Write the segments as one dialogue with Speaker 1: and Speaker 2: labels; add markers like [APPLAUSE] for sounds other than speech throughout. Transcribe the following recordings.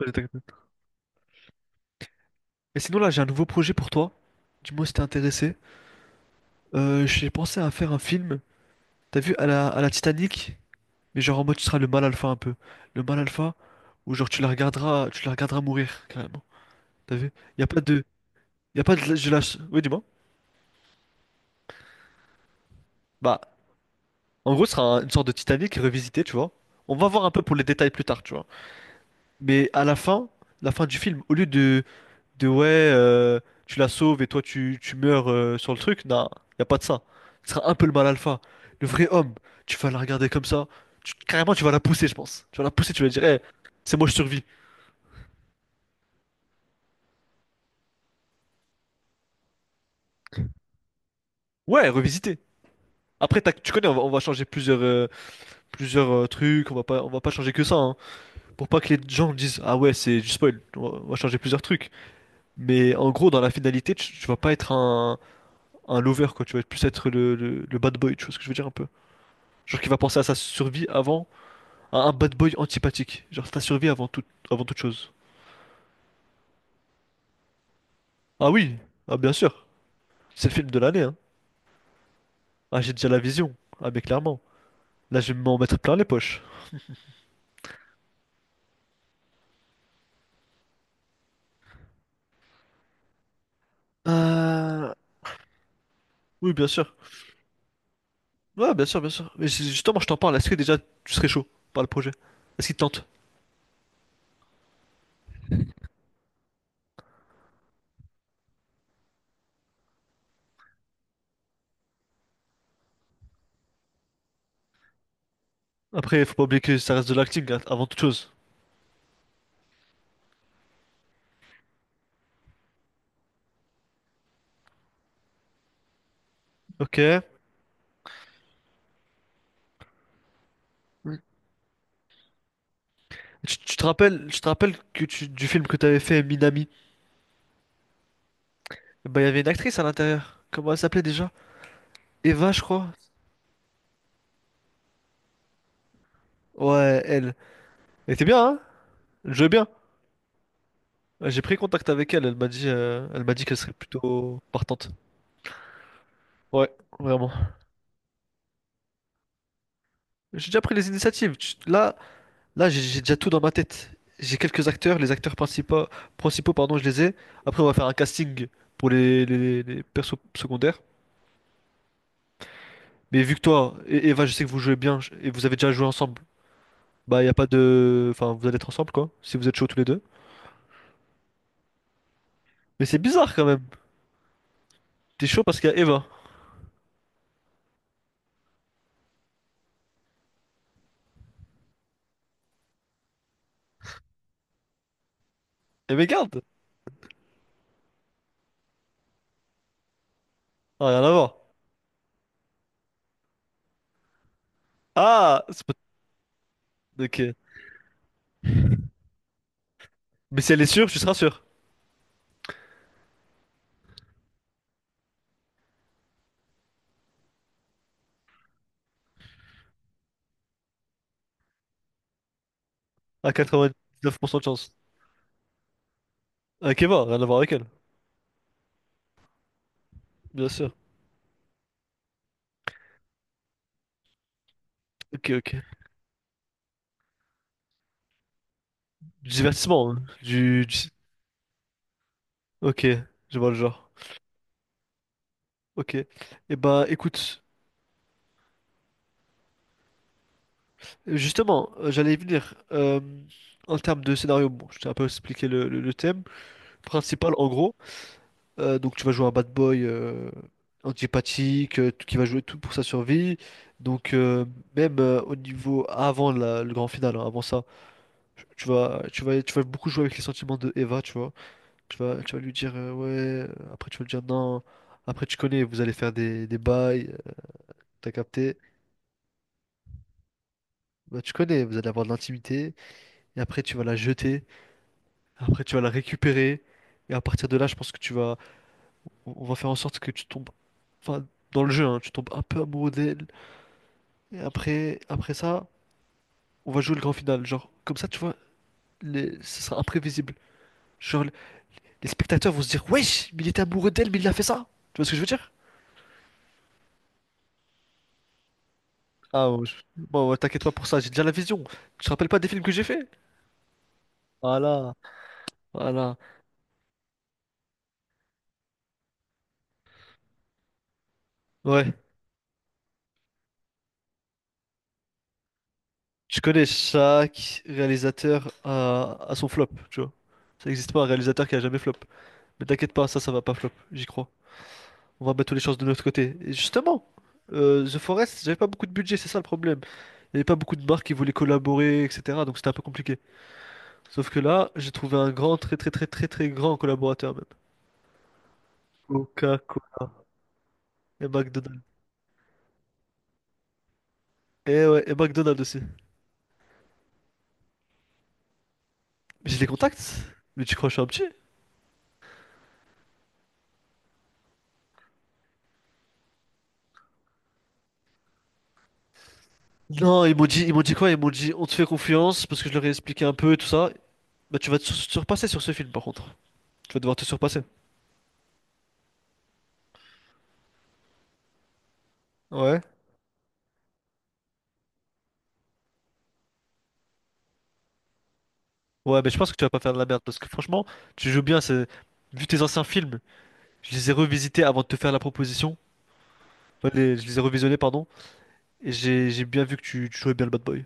Speaker 1: Ouais, t'inquiète pas. Et sinon là j'ai un nouveau projet pour toi. Dis-moi si t'es intéressé. J'ai pensé à faire un film. T'as vu à la Titanic, mais genre en mode tu seras le mal alpha un peu. Le mal alpha où genre tu la regarderas mourir carrément. T'as vu? Y a pas de, y a pas de, je lâche. Oui, dis-moi. Bah, en gros ce sera une sorte de Titanic revisité, tu vois. On va voir un peu pour les détails plus tard, tu vois. Mais à la fin du film, au lieu de ouais, euh, tu la sauves et toi tu meurs sur le truc. Non, y a pas de ça. Ce sera un peu le mal alpha. Le vrai homme, tu vas la regarder comme ça. Carrément, tu vas la pousser, je pense. Tu vas la pousser, tu vas dire, Eh, c'est moi, je survis. Ouais, revisiter. Après, tu connais, on va changer plusieurs trucs. On va pas changer que ça, hein, pour pas que les gens disent, ah ouais, c'est du spoil. On va changer plusieurs trucs. Mais en gros, dans la finalité, tu vas pas être un lover, quoi. Tu vas plus être le bad boy. Tu vois ce que je veux dire un peu? Genre qui va penser à sa survie avant. Un bad boy antipathique. Genre ta survie avant toute chose. Ah oui, ah bien sûr. C'est le film de l'année, hein. Ah, j'ai déjà la vision. Ah, mais clairement. Là je vais m'en mettre plein les poches. Euh... Oui, bien sûr. Ouais, bien sûr, bien sûr. Mais justement je t'en parle. Est-ce que déjà tu serais chaud par le projet? Est-ce qu'il te tente? Après faut pas oublier que ça reste de l'acting hein, avant toute chose. Ok. Oui. Tu te rappelles, je te rappelle que du film que t'avais fait Minami, bah il y avait une actrice à l'intérieur. Comment elle s'appelait déjà? Eva, je crois. Ouais, elle. Elle était bien, hein? Elle jouait bien. Ouais, j'ai pris contact avec elle, elle m'a dit qu'elle serait plutôt partante. Ouais, vraiment. J'ai déjà pris les initiatives. Là, j'ai déjà tout dans ma tête. J'ai quelques acteurs, les acteurs principaux, principaux, pardon, je les ai. Après, on va faire un casting pour les persos secondaires. Mais vu que toi et Eva, je sais que vous jouez bien et vous avez déjà joué ensemble, bah y a pas de, enfin, vous allez être ensemble quoi, si vous êtes chauds tous les deux. Mais c'est bizarre quand même. T'es chaud parce qu'il y a Eva. Et mais garde, ah, rien à voir. Ah, c'est pas... Ok. Mais si elle est sûre, tu seras sûr. À 99% de chance. Avec Eva, rien à voir avec elle, bien sûr. Ok, ok. Du divertissement, hein. Du. Ok, je vois le genre. Ok. Et bah, écoute, justement, j'allais y venir. En termes de scénario, bon, je t'ai un peu expliqué le thème principal en gros. Donc tu vas jouer un bad boy antipathique qui va jouer tout pour sa survie. Donc, même, au niveau avant le grand final, hein, avant ça, tu vas beaucoup jouer avec les sentiments de Eva, tu vois. Tu vas lui dire ouais, après tu vas lui dire non, après tu connais, vous allez faire des bails, t'as capté? Bah, tu connais, vous allez avoir de l'intimité, et après tu vas la jeter, après tu vas la récupérer, et à partir de là, je pense que tu vas, on va faire en sorte que tu tombes, enfin, dans le jeu, hein, tu tombes un peu amoureux d'elle, et après, après ça, on va jouer le grand final, genre, comme ça, tu vois, ce sera imprévisible. Genre, les spectateurs vont se dire, wesh, mais il était amoureux d'elle, mais il a fait ça, tu vois ce que je veux dire? Ah, bon, bon, ouais, t'inquiète pas pour ça, j'ai déjà la vision. Tu te rappelles pas des films que j'ai fait? Voilà, voilà. Ouais, tu connais, chaque réalisateur a son flop, tu vois. Ça n'existe pas un réalisateur qui a jamais flop. Mais t'inquiète pas, ça va pas flop, j'y crois. On va mettre toutes les chances de notre côté. Et justement, The Forest, j'avais pas beaucoup de budget, c'est ça le problème. Il y avait pas beaucoup de marques qui voulaient collaborer, etc. Donc c'était un peu compliqué. Sauf que là, j'ai trouvé un grand, très, très, très, très, très grand collaborateur même. Coca-Cola et McDonald's. Et ouais, et McDonald's aussi. Mais j'ai des contacts? Mais tu crois que je suis un petit? Non, ils m'ont dit quoi? Ils m'ont dit, on te fait confiance parce que je leur ai expliqué un peu et tout ça. Bah, tu vas te surpasser sur ce film, par contre. Tu vas devoir te surpasser. Ouais. Ouais, mais je pense que tu vas pas faire de la merde parce que franchement, tu joues bien. C'est... Vu tes anciens films, je les ai revisités avant de te faire la proposition. Enfin, je les ai revisionnés, pardon. Et j'ai bien vu que tu jouais bien le bad boy.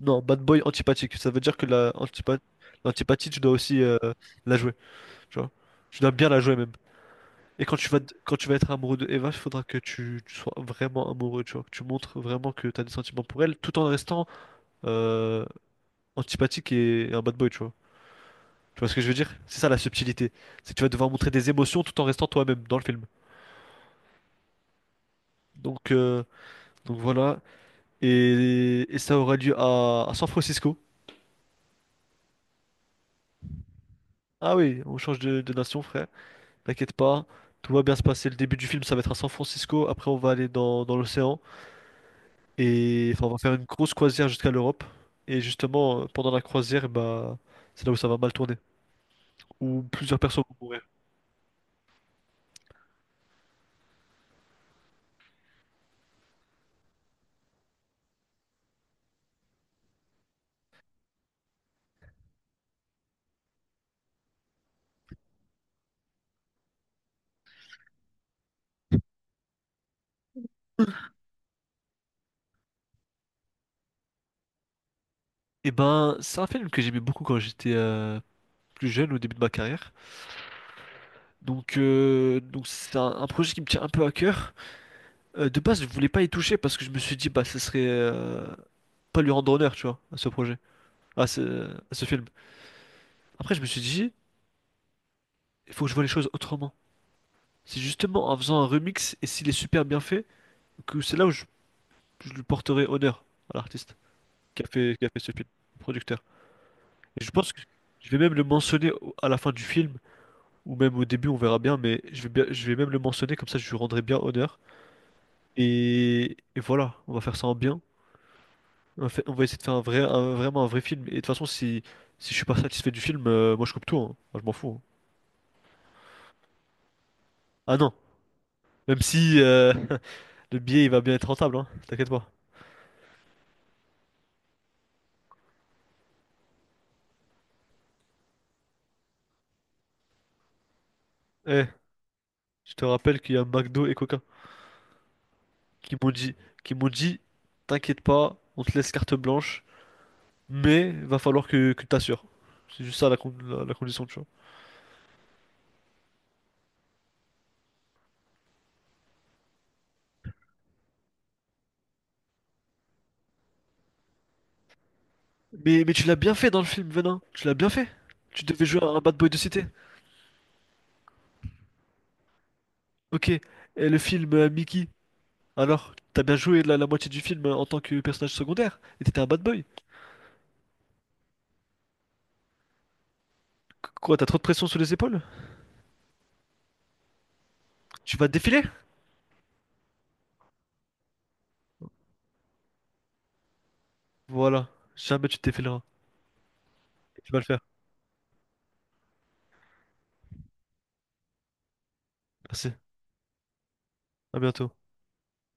Speaker 1: Non, bad boy antipathique. Ça veut dire que l'antipathie, tu dois aussi la jouer. Tu vois. Tu dois bien la jouer, même. Et quand tu vas être amoureux de Eva, il faudra que tu sois vraiment amoureux, tu vois, que tu montres vraiment que tu as des sentiments pour elle, tout en restant euh, antipathique et un bad boy, tu vois. Tu vois ce que je veux dire? C'est ça la subtilité. C'est que tu vas devoir montrer des émotions tout en restant toi-même dans le film. Donc, euh, donc voilà. Et ça aura lieu à San Francisco. Ah oui, on change de nation, frère. T'inquiète pas, tout va bien se passer. Le début du film, ça va être à San Francisco. Après, on va aller dans l'océan. Et enfin, on va faire une grosse croisière jusqu'à l'Europe. Et justement, pendant la croisière, bah, c'est là où ça va mal tourner, où plusieurs personnes vont mourir. Et ben, c'est un film que j'aimais beaucoup quand j'étais plus jeune, au début de ma carrière. Donc c'est un projet qui me tient un peu à cœur. De base, je voulais pas y toucher parce que je me suis dit, bah, ce serait pas lui rendre honneur, tu vois, à ce projet, à ce, à ce film. Après, je me suis dit, il faut que je vois les choses autrement. C'est justement en faisant un remix, et s'il est super bien fait, que c'est là où je lui porterai honneur à l'artiste. Qui a fait ce film, producteur. Et je pense que je vais même le mentionner à la fin du film, ou même au début, on verra bien, mais je vais même le mentionner, comme ça je lui rendrai bien honneur. Et voilà, on va faire ça en bien. On va essayer de faire un vrai, vraiment un vrai film. Et de toute façon, si je suis pas satisfait du film, moi je coupe tout, hein. Moi, je m'en fous, hein. Ah non, même si [LAUGHS] le billet il va bien être rentable, hein. T'inquiète pas. Eh, je te rappelle qu'il y a McDo et Coca qui m'ont dit, qui m'ont dit, t'inquiète pas, on te laisse carte blanche. Mais va falloir que tu t'assures. C'est juste ça la condition, tu vois. Mais tu l'as bien fait dans le film, Venin. Tu l'as bien fait. Tu devais jouer un bad boy de cité. Ok. Et le film Mickey, alors, t'as bien joué la moitié du film en tant que personnage secondaire. Et t'étais un bad boy. Quoi, t'as trop de pression sur les épaules? Tu vas te défiler? Voilà. Jamais tu te défileras. Tu vas le faire. Merci. À bientôt.